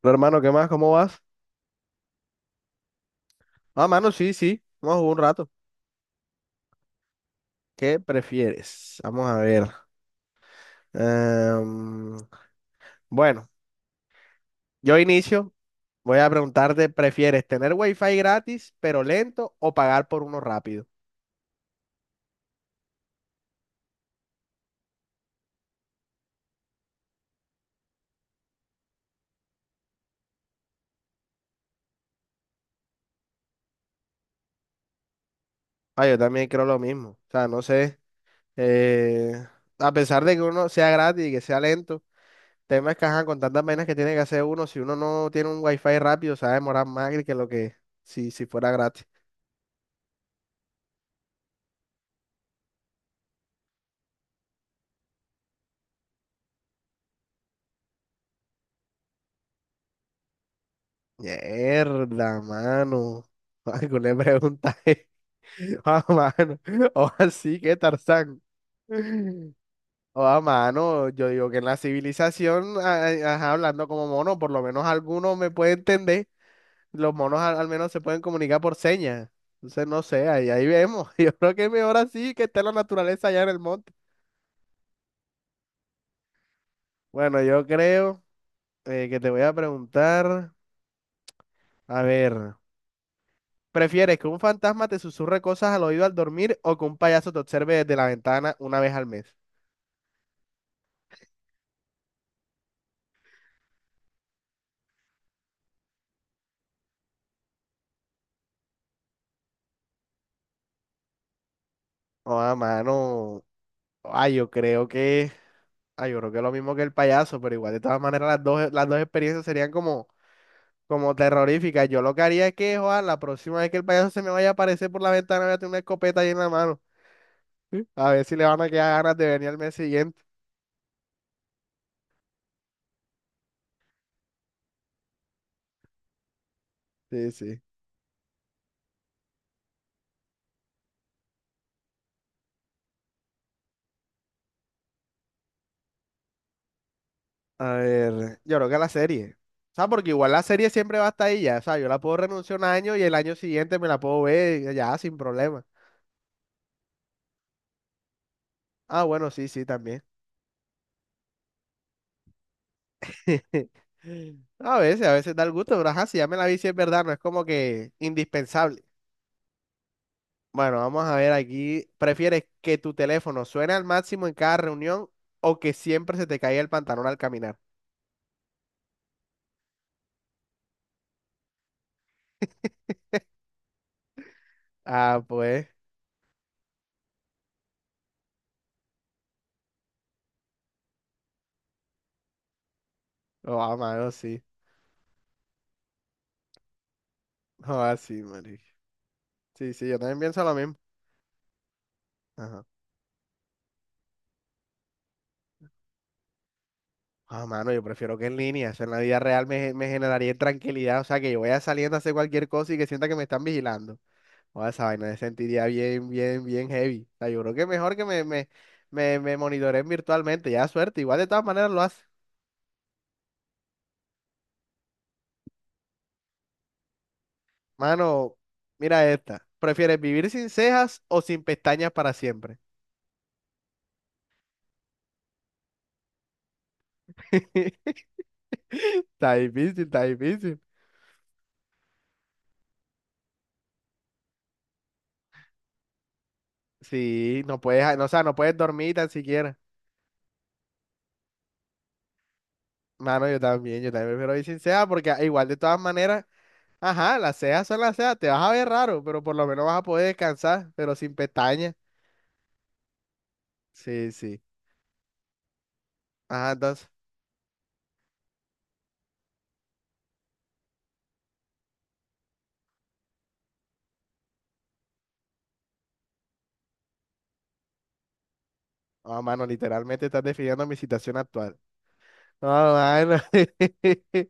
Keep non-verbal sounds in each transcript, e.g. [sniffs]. Pero, hermano, ¿qué más? ¿Cómo vas? Ah, mano, sí, sí. Vamos a jugar un rato. ¿Qué prefieres? Vamos a ver. Em, bueno, yo inicio. Voy a preguntarte, ¿prefieres tener wifi gratis pero lento o pagar por uno rápido? Ah, yo también creo lo mismo. O sea, no sé. eh, a pesar de que uno sea gratis y que sea lento, temas que ajá, con tantas vainas que tiene que hacer uno, si uno no tiene un wifi rápido, se va a demorar más que lo que si fuera gratis. Mierda, mano. [laughs] Algo le preguntaje. [laughs] Ah, mano. O así que Tarzán. O a mano. Yo digo que en la civilización, ajá, hablando como mono, por lo menos alguno me puede entender. Los monos al menos se pueden comunicar por señas. Entonces, no sé, ahí vemos. [laughs] Yo creo que es mejor así que esté la naturaleza allá en el monte. Bueno, yo creo que te voy a preguntar. A ver. ¿Prefieres que un fantasma te susurre cosas al oído al dormir o que un payaso te observe desde la ventana una vez al mes? Oh, ah, mano. Ay, yo creo que. Ay, yo creo que es lo mismo que el payaso, pero igual de todas maneras las dos experiencias serían como, como terroríficas. Yo lo que haría es que, joder, la próxima vez que el payaso se me vaya a aparecer por la ventana, voy a tener una escopeta ahí en la mano. ¿Sí? A ver si le van a quedar ganas de venir al mes siguiente. Sí, sí. A ver, yo creo que la serie. O sea, porque igual la serie siempre va hasta estar ahí ya. O sea, yo la puedo renunciar un año y el año siguiente me la puedo ver ya sin problema. Ah, bueno, sí, sí, también. [laughs] A veces da el gusto, pero ajá, si ya me la vi, si es verdad, no es como que indispensable. Bueno, vamos a ver aquí. ¿Prefieres que tu teléfono suene al máximo en cada reunión o que siempre se te caiga el pantalón al caminar? [laughs] Ah, pues. Oh, ah, mano, sí. Oh, ah, sí, marica. Sí, sí, yo también pienso lo mismo. Ajá. Ah, mano, yo prefiero que en línea. Eso en la vida real me, me generaría tranquilidad. O sea, que yo vaya saliendo a hacer cualquier cosa y que sienta que me están vigilando. O esa vaina me sentiría bien, bien, bien heavy. O sea, yo creo que mejor que me monitoreen virtualmente. Ya suerte, igual de todas maneras lo hace. Mano, mira esta. ¿Prefieres vivir sin cejas o sin pestañas para siempre? [laughs] Está difícil, está difícil. Sí, no puedes, no, o sea, no puedes dormir tan siquiera. Mano, yo también prefiero ir sin cejas porque ah, igual de todas maneras. Ajá, las cejas son las cejas, te vas a ver raro, pero por lo menos vas a poder descansar, pero sin pestañas. Sí, sí. Ajá, entonces, mano, literalmente estás definiendo mi situación actual. No, mano. [laughs]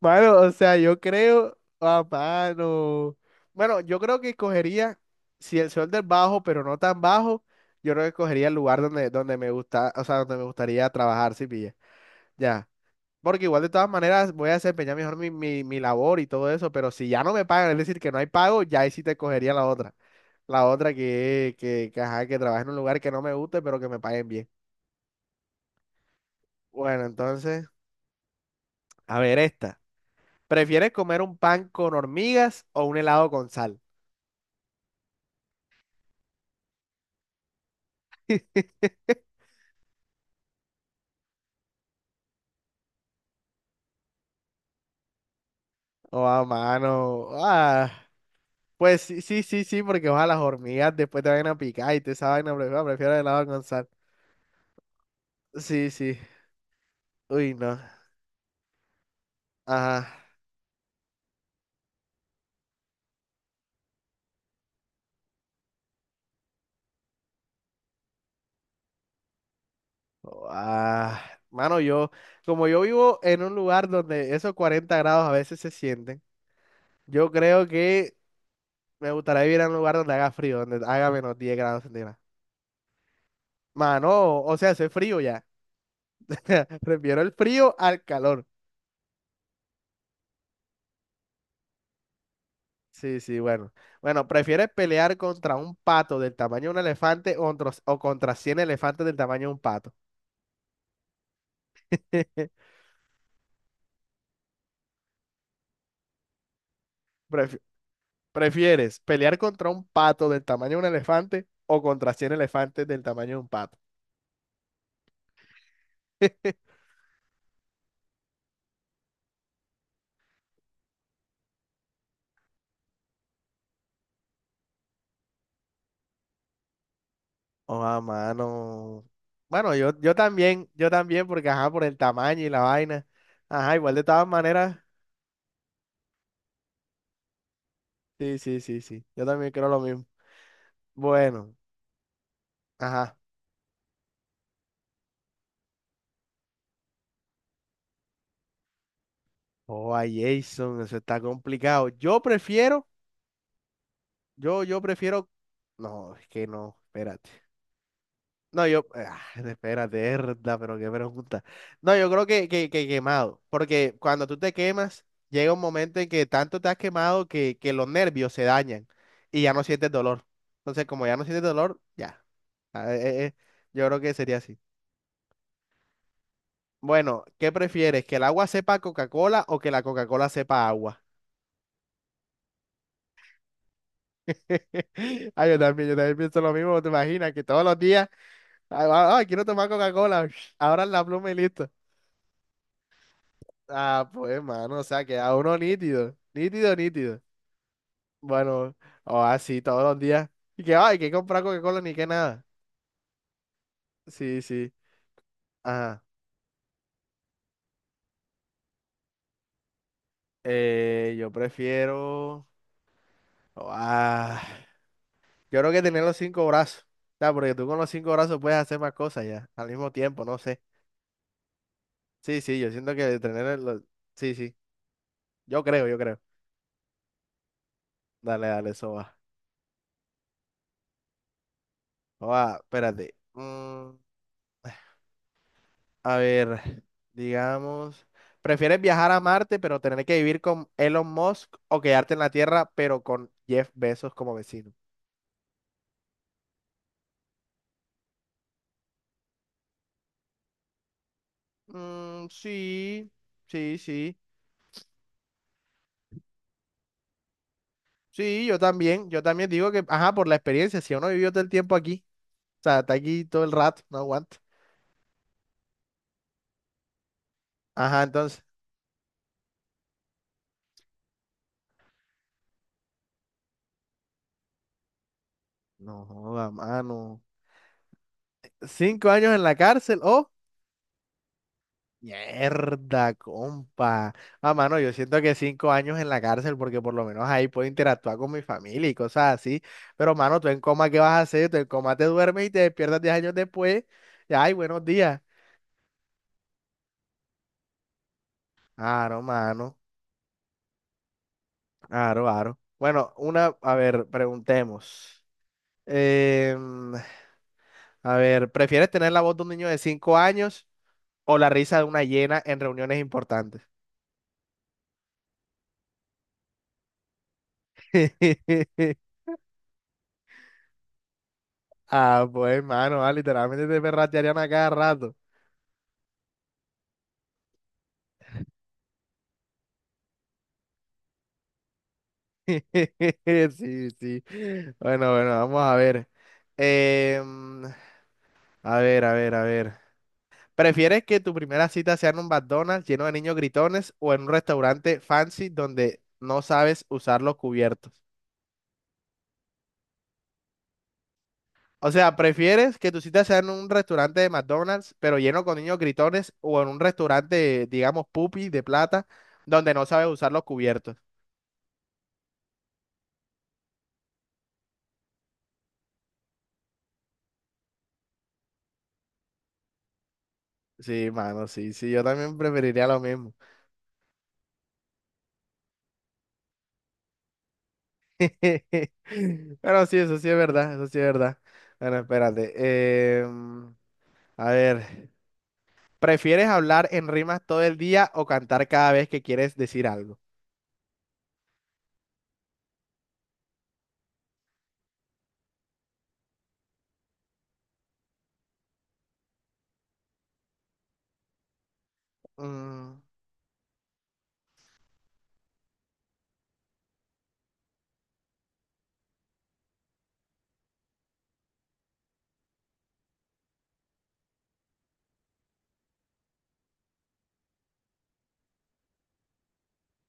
Mano, o sea, yo creo, mano. Bueno, yo creo que escogería, si el sol del bajo, pero no tan bajo, yo creo que escogería el lugar donde me gusta, o sea, donde me gustaría trabajar, si pilla. Ya. Porque igual de todas maneras voy a desempeñar mejor mi labor y todo eso, pero si ya no me pagan, es decir, que no hay pago, ya ahí sí te cogería la otra. La otra ajá, que trabaje en un lugar que no me guste, pero que me paguen bien. Bueno, entonces, a ver esta. ¿Prefieres comer un pan con hormigas o un helado con sal? [laughs] Oh, a mano. Ah, pues sí, sí, sí, sí, porque ojalá las hormigas después te vayan a picar y te esa vaina, prefiero, prefiero el helado con sal. Sí, sí. Uy, no. Ajá, Ah, mano, como yo vivo en un lugar donde esos 40 grados a veces se sienten, yo creo que me gustaría vivir en un lugar donde haga frío, donde haga -10 grados centígrados. Mano, o sea, hace frío ya. [laughs] Prefiero el frío al calor. Sí, sí, bueno. Bueno, ¿prefieres pelear contra un pato del tamaño de un elefante o contra 100 elefantes del tamaño de un pato? [laughs] Prefi- ¿Prefieres pelear contra un pato del tamaño de un elefante o contra 100 elefantes del tamaño de un pato? [laughs] Oh, a mano. Bueno, yo, yo también, porque ajá, por el tamaño y la vaina. Ajá, igual de todas maneras. Sí, sí, sí, sí. Yo también creo lo mismo. Bueno, ajá. Oh, a Jason, eso está complicado. Yo prefiero, yo prefiero. No, es que no, espérate. No, espérate, herda, pero qué pregunta. No, yo creo que quemado, porque cuando tú te quemas, llega un momento en que tanto te has quemado que los nervios se dañan y ya no sientes dolor. Entonces, como ya no sientes dolor, ya. Ah, yo creo que sería así. Bueno, ¿qué prefieres? ¿Que el agua sepa Coca-Cola o que la Coca-Cola sepa agua? [laughs] Ah, yo también pienso lo mismo, ¿te imaginas? Que todos los días, quiero tomar Coca-Cola, [laughs] [sniffs] ahora la pluma y listo. Ah, pues, mano, o sea, queda uno nítido, nítido, nítido. Bueno, o así todos los días. Y que, ay, que comprar Coca-Cola ni que nada. Sí, sí. Ajá. Yo prefiero. oh, ah, yo creo que tener los cinco brazos. O sea, porque tú con los cinco brazos puedes hacer más cosas ya, al mismo tiempo, no sé. Sí, sí, yo siento que tener los... Sí, sí. Yo creo, yo creo. Dale, dale, eso va. Oh, espérate. Mm. A ver, digamos, ¿prefieres viajar a Marte pero tener que vivir con Elon Musk o quedarte en la Tierra pero con Jeff Bezos como vecino? Mm, sí, sí, sí. Sí, yo también digo que, ajá, por la experiencia, si uno vivió todo el tiempo aquí, o sea, está aquí todo el rato, no aguanta. Ajá, entonces, no joda, mano. 5 años en la cárcel o Mierda, compa. Ah, mano, yo siento que 5 años en la cárcel, porque por lo menos ahí puedo interactuar con mi familia y cosas así. Pero, mano, tú en coma, ¿qué vas a hacer? Tú en coma te duermes y te despiertas 10 años después. Y, ay, buenos días. Aro, mano. Aro, aro. Bueno, una, a ver, preguntemos. Em, a ver, ¿prefieres tener la voz de un niño de 5 años o la risa de una hiena en reuniones importantes? [laughs] Ah, pues, mano, ah, literalmente te perratearían a cada rato. [laughs] Sí, sí. Bueno, bueno, vamos a ver. Em, a ver, a ver, a ver. ¿Prefieres que tu primera cita sea en un McDonald's lleno de niños gritones o en un restaurante fancy donde no sabes usar los cubiertos? O sea, ¿prefieres que tu cita sea en un restaurante de McDonald's pero lleno con niños gritones o en un restaurante, digamos, pupi de plata donde no sabes usar los cubiertos? Sí, mano, sí, sí, yo también preferiría lo mismo. [laughs] Bueno, sí, eso sí es verdad, eso sí es verdad. Bueno, espérate. A ver, ¿prefieres hablar en rimas todo el día o cantar cada vez que quieres decir algo? Mm,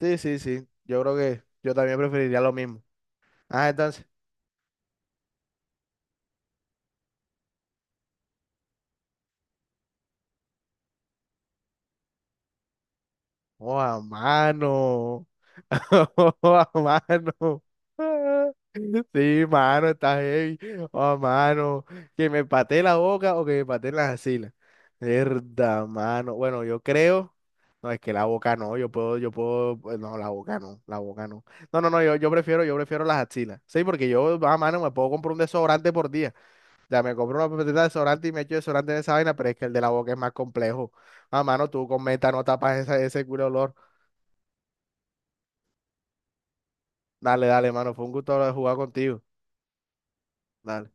sí, sí, sí. Yo creo que yo también preferiría lo mismo. Ah, entonces. ¡Oh, a mano! [laughs] ¡Oh, a mano! [laughs] Sí, mano, está heavy. ¡Oh, mano! Que me patee la boca o que me patee las axilas. Verdad, mano. Bueno, yo creo. No, es que la boca no, yo puedo, pues, no, la boca no, la boca no. No, no, no, yo, yo prefiero las axilas. Sí, porque yo, a mano, me puedo comprar un desodorante por día. Ya me compro una pepetita de desodorante y me echo desodorante en esa vaina, pero es que el de la boca es más complejo. A mano, tú con meta no tapas ese culo de olor. Dale, dale, mano, fue un gusto jugar contigo. Dale.